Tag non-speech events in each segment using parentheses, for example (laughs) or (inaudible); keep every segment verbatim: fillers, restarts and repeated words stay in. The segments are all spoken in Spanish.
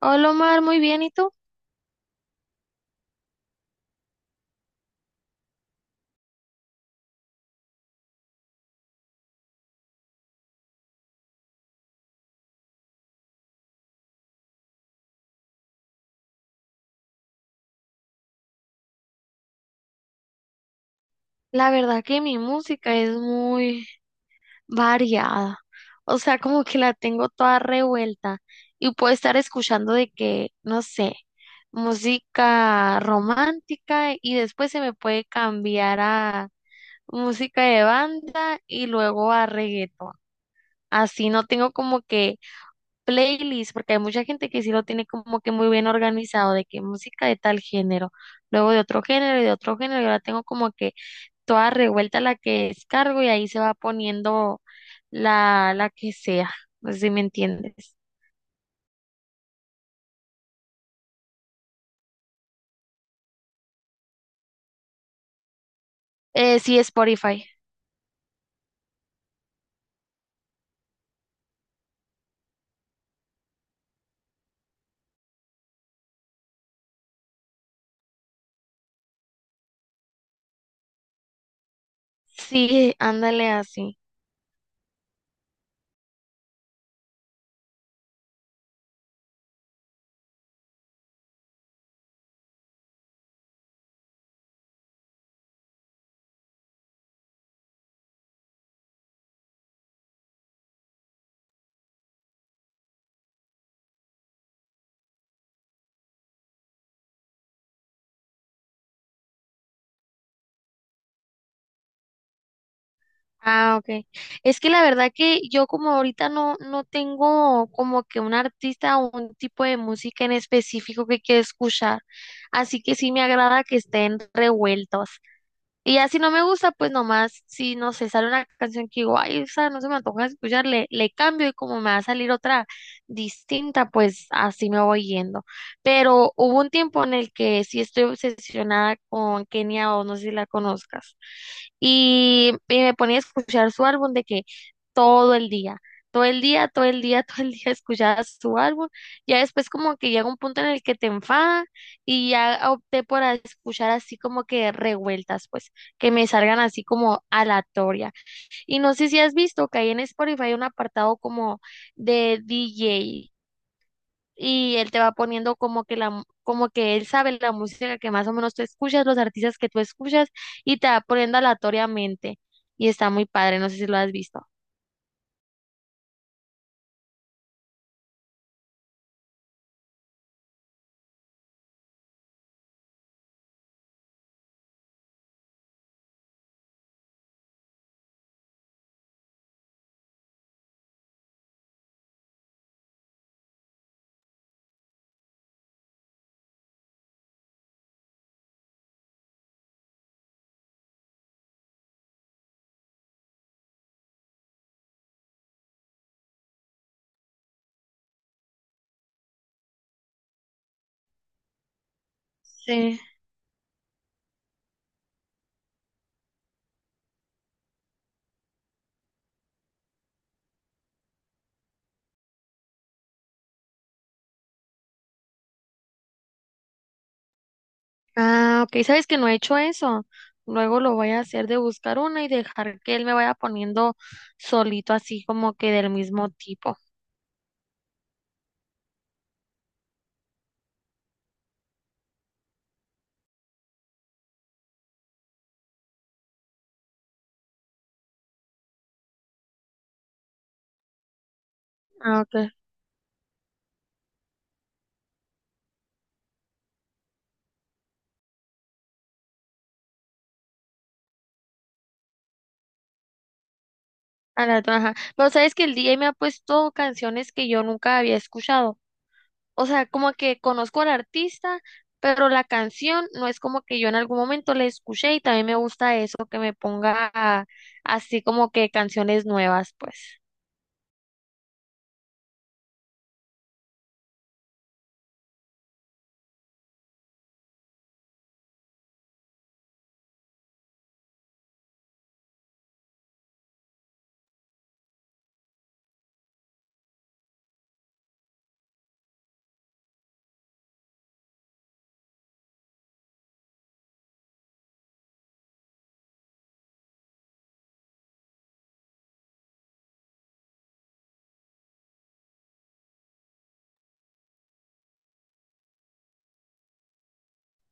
Hola Omar, muy bien, ¿y tú? La verdad que mi música es muy variada, o sea, como que la tengo toda revuelta y puedo estar escuchando de que, no sé, música romántica y después se me puede cambiar a música de banda y luego a reggaetón. Así no tengo como que playlist, porque hay mucha gente que sí lo tiene como que muy bien organizado, de que música de tal género, luego de otro género y de otro género, y ahora tengo como que toda revuelta la que descargo y ahí se va poniendo la, la que sea. No sé si me entiendes. Eh, sí, Spotify. Sí, ándale así. Ah, ok. Es que la verdad que yo como ahorita no, no tengo como que un artista o un tipo de música en específico que quiero escuchar, así que sí me agrada que estén revueltos. Y ya si no me gusta, pues nomás, si no sé, sale una canción que digo, ay, esa no se me antoja escuchar, le, le cambio y como me va a salir otra distinta, pues así me voy yendo. Pero hubo un tiempo en el que sí estoy obsesionada con Kenia o no sé si la conozcas. Y, y me ponía a escuchar su álbum de que todo el día, todo el día, todo el día, (laughs) todo el día escuchaba su álbum. Ya después como que llega un punto en el que te enfada y ya opté por a- escuchar así como que revueltas, pues que me salgan así como aleatoria. Y no sé si has visto que ahí en Spotify hay un apartado como de D J y él te va poniendo como que la mu- como que él sabe la música que más o menos tú escuchas, los artistas que tú escuchas y te va poniendo aleatoriamente. Y está muy padre, no sé si lo has visto. Sí. Ah, ok, sabes que no he hecho eso. Luego lo voy a hacer de buscar una y dejar que él me vaya poniendo solito así como que del mismo tipo. Ah, ok. A la otra, ajá. Pero sabes que el D J me ha puesto canciones que yo nunca había escuchado. O sea, como que conozco al artista, pero la canción no es como que yo en algún momento la escuché y también me gusta eso, que me ponga así como que canciones nuevas, pues.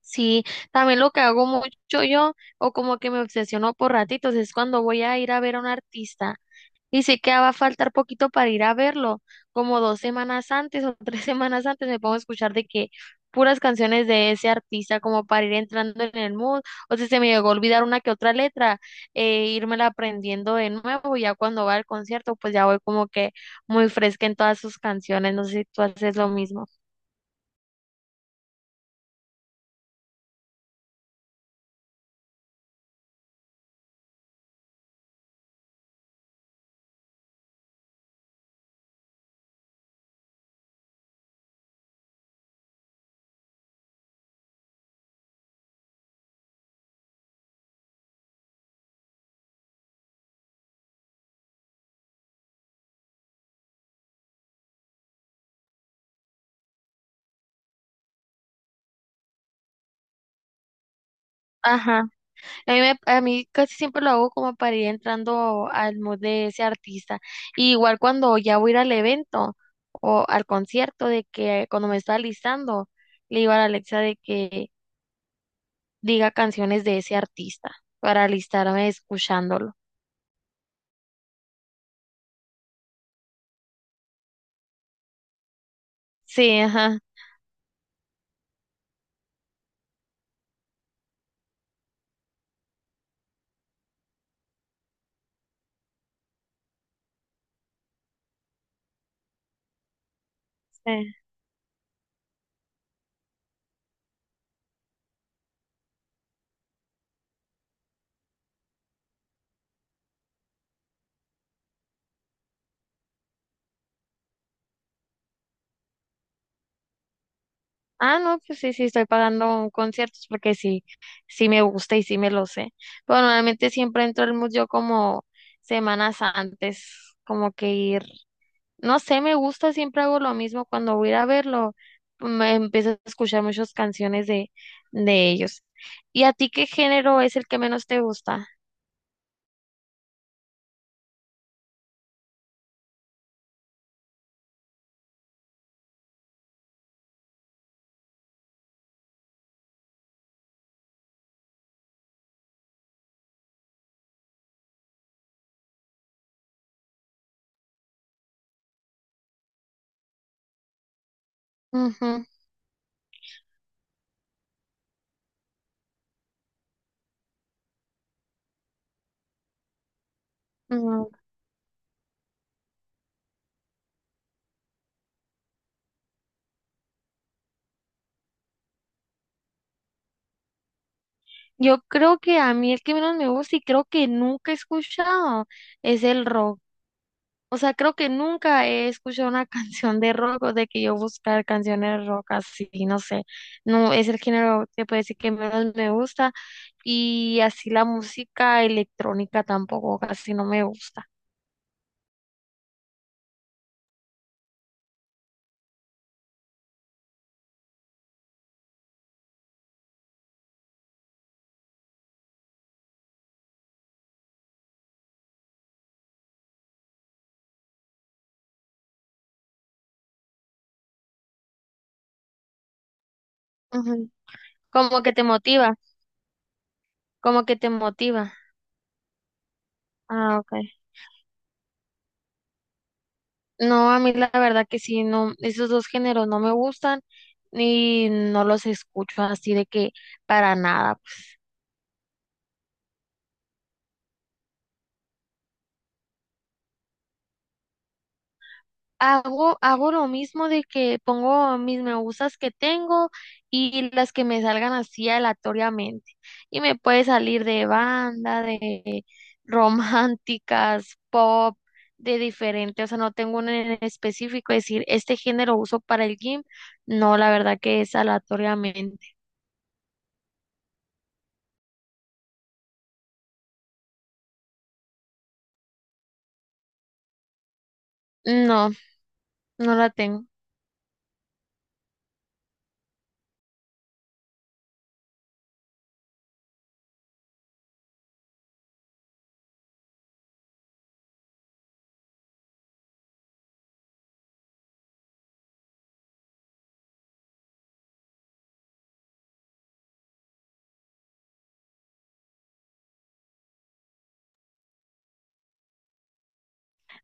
Sí, también lo que hago mucho yo, o como que me obsesiono por ratitos, es cuando voy a ir a ver a un artista y sé que va a faltar poquito para ir a verlo, como dos semanas antes o tres (laughs) semanas antes me pongo a escuchar de que puras canciones de ese artista como para ir entrando en el mood, o si se me llegó a olvidar una que otra letra, eh, írmela aprendiendo de nuevo, y ya cuando va al concierto, pues ya voy como que muy fresca en todas sus canciones, no sé si tú haces lo mismo. Ajá. A mí, me- a mí casi siempre lo hago como para ir entrando al mood de ese artista. Y igual cuando ya voy a ir al evento o al concierto, de que cuando me está listando, le digo a la Alexa de que diga canciones de ese artista para alistarme escuchándolo. Sí, ajá. Sí. Ah, no, pues sí, sí, estoy pagando conciertos porque sí, sí me gusta y sí me lo sé. Pero normalmente siempre entro al mood yo como semanas antes, como que ir. No sé, me gusta, siempre hago lo mismo cuando voy a ir a verlo. Me empiezo a escuchar muchas canciones de, de ellos. ¿Y a ti qué género es el que menos te gusta? Ujú, ujú. Yo creo que a mí el que menos me gusta y creo que nunca he escuchado es el rock. O sea, creo que nunca he escuchado una (laughs) canción de rock o de que yo buscar canciones de rock así, no sé. No es el género que puede decir que menos me gusta y así la música electrónica tampoco casi no me gusta. Ujú. Como que te motiva, como que te motiva. Ah, okay. No, a mí la verdad que sí, no, esos dos géneros no me gustan y no los escucho así de que para nada. Hago, hago lo mismo de que pongo mis me gustas que tengo y las que me salgan así aleatoriamente. Y me puede salir de banda, de (laughs) románticas, pop, de diferente. O sea, no tengo uno en específico. Es decir, este género uso para el gym. No, la verdad que es aleatoriamente. No, no la tengo.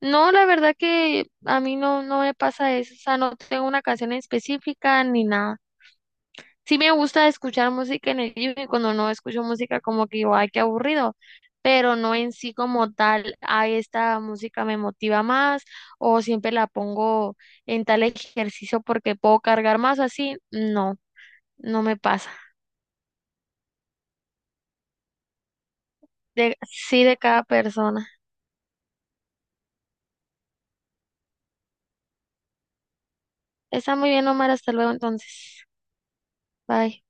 No, la verdad que a mí no, no me pasa eso. O sea, no tengo una canción específica ni nada. Sí me gusta escuchar música en el libro y cuando no escucho música como que digo, ay, qué aburrido, pero no en sí como tal, ay, esta música me motiva más o siempre la pongo en tal ejercicio porque puedo cargar más o así, no, no me pasa. De, sí de cada persona. Está muy bien, Omar, hasta luego entonces. Bye.